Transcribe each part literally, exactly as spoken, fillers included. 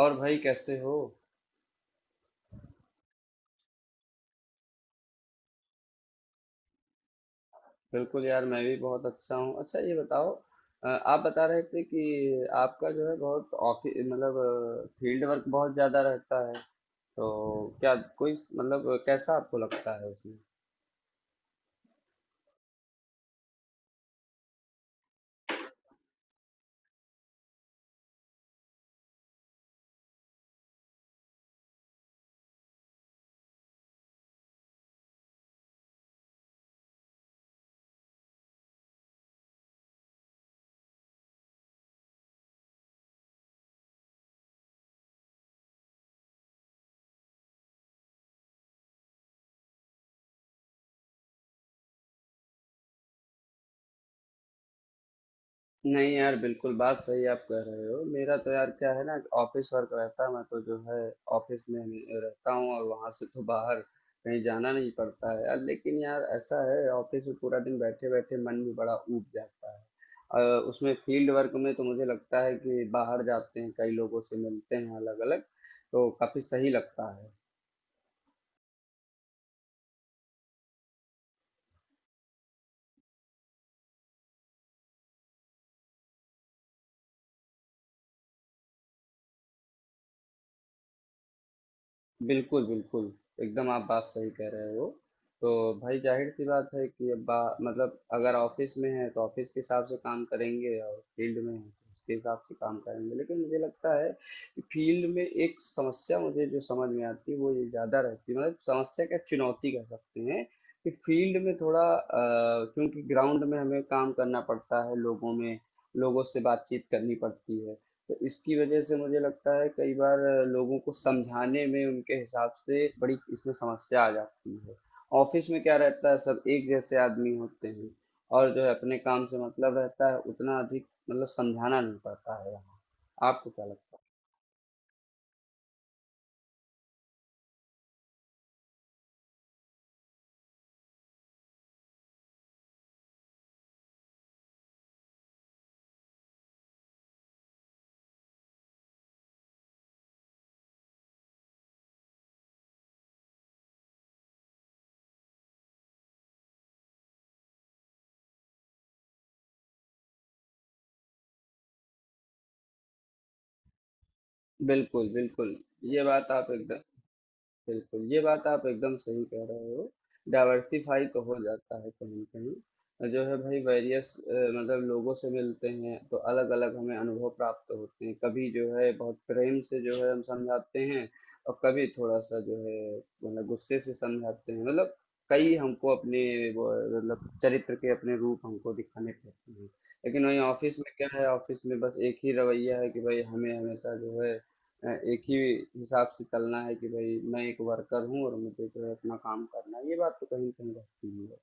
और भाई कैसे हो। बिल्कुल यार, मैं भी बहुत अच्छा हूँ। अच्छा ये बताओ, अ, आप बता रहे थे कि आपका जो है बहुत ऑफिस मतलब फील्ड वर्क बहुत ज्यादा रहता है। तो क्या कोई मतलब कैसा आपको लगता है उसमें? नहीं यार, बिल्कुल बात सही आप कह रहे हो। मेरा तो यार क्या है ना, ऑफिस वर्क रहता है, मैं तो जो है ऑफिस में ही रहता हूँ और वहां से तो बाहर कहीं जाना नहीं पड़ता है यार। लेकिन यार ऐसा है, ऑफिस में पूरा दिन बैठे बैठे मन भी बड़ा ऊब जाता है। अ, उसमें फील्ड वर्क में तो मुझे लगता है कि बाहर जाते हैं, कई लोगों से मिलते हैं अलग अलग, तो काफी सही लगता है। बिल्कुल, बिल्कुल। एकदम आप बात सही कह रहे हो। तो भाई ज़ाहिर-सी बात है कि अब बा मतलब अगर ऑफ़िस में हैं, तो ऑफ़िस के हिसाब से काम करेंगे और फ़ील्ड में हैं, तो उसके हिसाब से काम करेंगे। लेकिन मुझे लगता है कि फ़ील्ड में एक समस्या मुझे जो समझ में आती है, वो ये ज़्यादा रहती है। मतलब समस्या क्या, चुनौती कह सकते हैं कि फ़ील्ड में थोड़ा अ, चूँकि ग्राउंड में हमें काम करना पड़ता है, लोगों में लोगों से बातचीत करनी पड़ती है। तो इसकी वजह से मुझे लगता है कई बार लोगों को समझाने में उनके हिसाब से बड़ी इसमें समस्या आ जाती है। ऑफिस में क्या रहता है, सब एक जैसे आदमी होते हैं और जो है अपने काम से मतलब रहता है, उतना अधिक मतलब समझाना नहीं पड़ता है यहाँ। आपको क्या लगता है? बिल्कुल बिल्कुल, ये बात आप एकदम बिल्कुल, ये बात आप एकदम सही कह रहे हो। डाइवर्सिफाई तो हो जाता है कहीं कहीं। और जो है भाई वेरियस मतलब लोगों से मिलते हैं, तो अलग अलग हमें अनुभव प्राप्त होते हैं। कभी जो है बहुत प्रेम से जो है हम समझाते हैं और कभी थोड़ा सा जो है मतलब गुस्से से समझाते हैं। मतलब कई हमको अपने वो, मतलब चरित्र के अपने रूप हमको दिखाने पड़ते हैं। लेकिन वहीं ऑफिस में क्या है, ऑफिस में बस एक ही रवैया है कि भाई हमें हमेशा जो है अ, एक ही हिसाब से चलना है कि भाई मैं एक वर्कर हूँ और मुझे जो है अपना काम करना है। ये बात तो कहीं ना कहीं रहती है।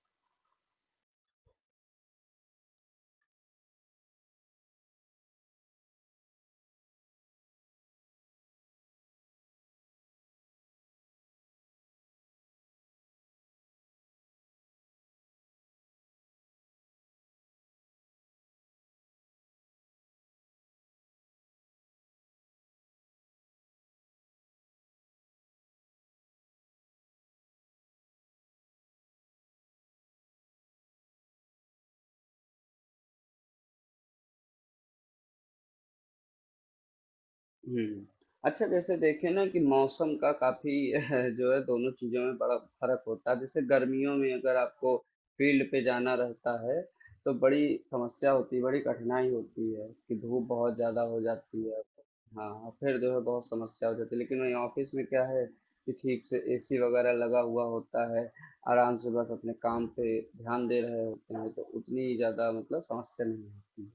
हुँ। अच्छा जैसे देखें ना कि मौसम का काफ़ी जो है दोनों चीज़ों में बड़ा फ़र्क होता है। जैसे गर्मियों में अगर आपको फ़ील्ड पे जाना रहता है, तो बड़ी समस्या होती है, बड़ी कठिनाई होती है कि धूप बहुत ज़्यादा हो जाती है। हाँ, फिर जो है बहुत समस्या हो जाती है। लेकिन वहीं ऑफ़िस में क्या है कि ठीक से एसी वग़ैरह लगा हुआ होता है, आराम से बस अपने काम पे ध्यान दे रहे होते हैं, तो उतनी ज़्यादा मतलब समस्या नहीं होती।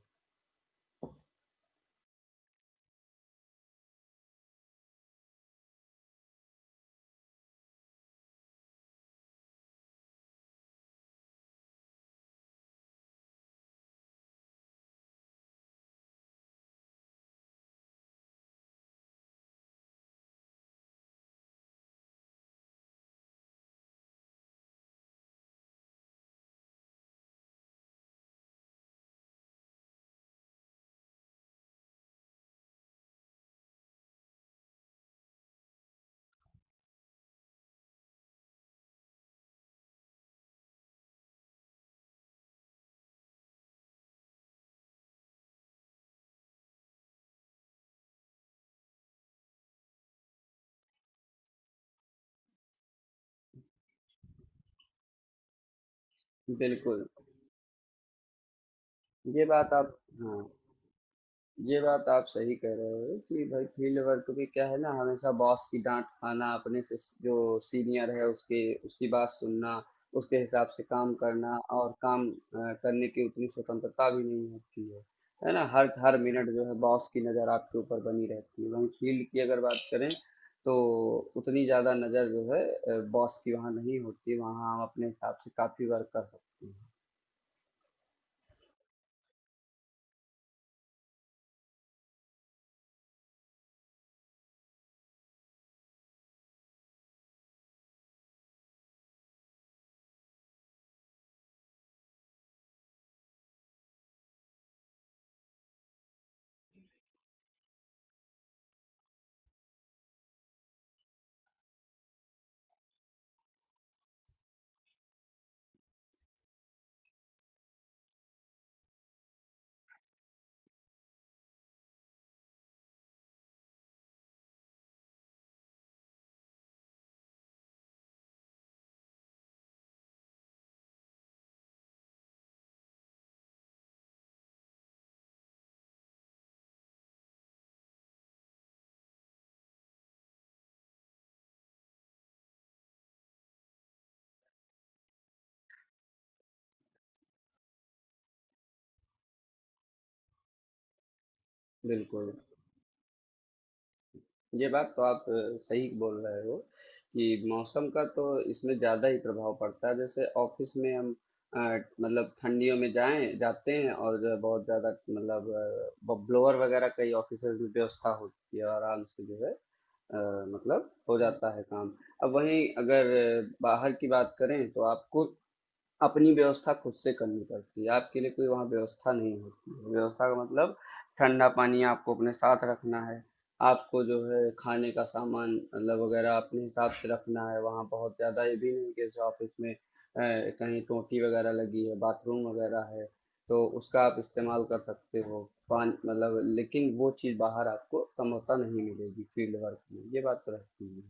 बिल्कुल, ये बात आप हाँ। ये बात आप सही कह रहे हो कि भाई फील्ड वर्क में क्या है ना, हमेशा बॉस की डांट खाना, अपने से जो सीनियर है उसके उसकी बात सुनना, उसके हिसाब से काम करना और काम अ, करने की उतनी स्वतंत्रता भी नहीं होती है। है ना, हर हर मिनट जो है बॉस की नज़र आपके ऊपर बनी रहती है। वहीं फील्ड की अगर बात करें, तो उतनी ज़्यादा नज़र जो है बॉस की वहाँ नहीं होती, वहाँ हम अपने हिसाब से काफ़ी वर्क कर सकते हैं। बिल्कुल, ये बात तो आप अ, सही बोल रहे हो कि मौसम का तो इसमें ज़्यादा ही प्रभाव पड़ता है। जैसे ऑफिस में हम अ, मतलब ठंडियों में जाएं जाते हैं और जो है बहुत ज़्यादा मतलब ब्लोअर वगैरह कई ऑफिस में व्यवस्था होती है, आराम से जो है अ, मतलब हो जाता है काम। अब वहीं अगर अ, बाहर की बात करें, तो आपको अपनी व्यवस्था खुद से करनी पड़ती है। आपके लिए कोई वहाँ व्यवस्था नहीं होती है। व्यवस्था का मतलब, ठंडा पानी आपको अपने साथ रखना है, आपको जो है खाने का सामान मतलब वगैरह अपने हिसाब से रखना है। वहाँ बहुत ज़्यादा ये भी नहीं कि जैसे ऑफिस में अ, कहीं टोंटी वगैरह लगी है, बाथरूम वगैरह है, तो उसका आप इस्तेमाल कर सकते हो, पान मतलब। लेकिन वो चीज़ बाहर आपको संभवतः नहीं मिलेगी फील्ड वर्क में, ये बात तो रहती है।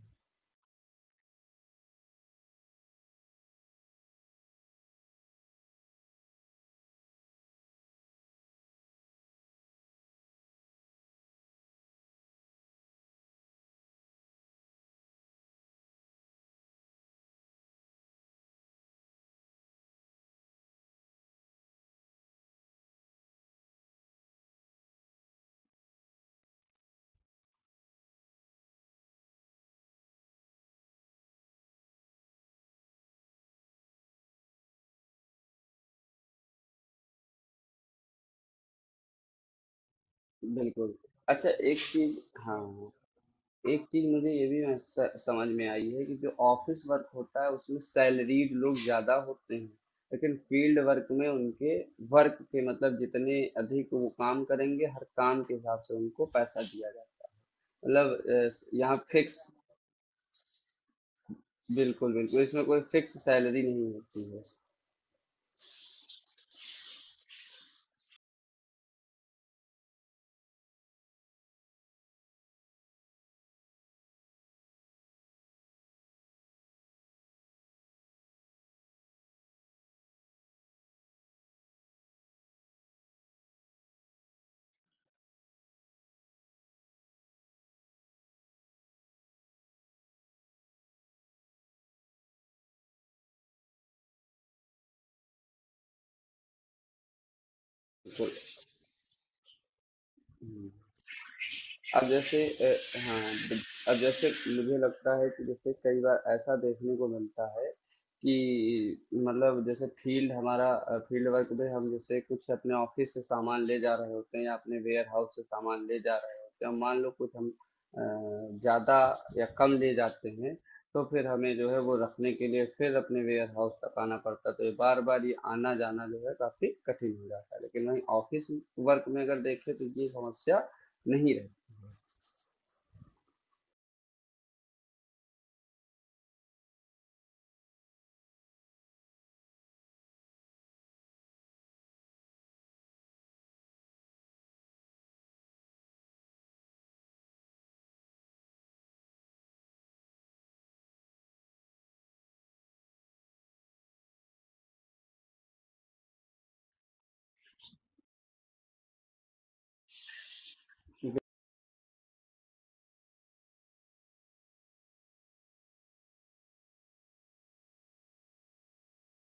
बिल्कुल। अच्छा एक चीज, हाँ हाँ। एक चीज मुझे ये भी महस- समझ में आई है कि जो ऑफिस वर्क होता है, उसमें सैलरीड लोग ज्यादा होते हैं। लेकिन फील्ड वर्क में उनके वर्क के मतलब जितने अधिक वो काम करेंगे, हर काम के हिसाब से उनको पैसा दिया जाता है। मतलब अ, स- यहाँ फिक्स बिल्कुल बिल्कुल, इसमें कोई फिक्स सैलरी नहीं होती है। बिल्कुल। हम्म। अब जैसे अ, हाँ, बिल- अब जैसे मुझे लगता है कि जैसे कई बार ऐसा देखने को मिलता है कि मतलब जैसे फील्ड हमारा फील्ड वर्क में हम जैसे कुछ अपने ऑफिस से सामान ले जा रहे होते हैं या अपने वेयर हाउस से सामान ले जा रहे होते हैं, मान लो कुछ हम अ, ज्यादा या कम ले जाते हैं, तो फिर हमें जो है वो रखने के लिए फिर अपने वेयर हाउस तक आना पड़ता है। तो ये बार बार ये आना जाना जो है काफी कठिन हो जाता है। लेकिन वहीं ऑफिस वर्क में अगर देखें, तो ये समस्या नहीं रहती।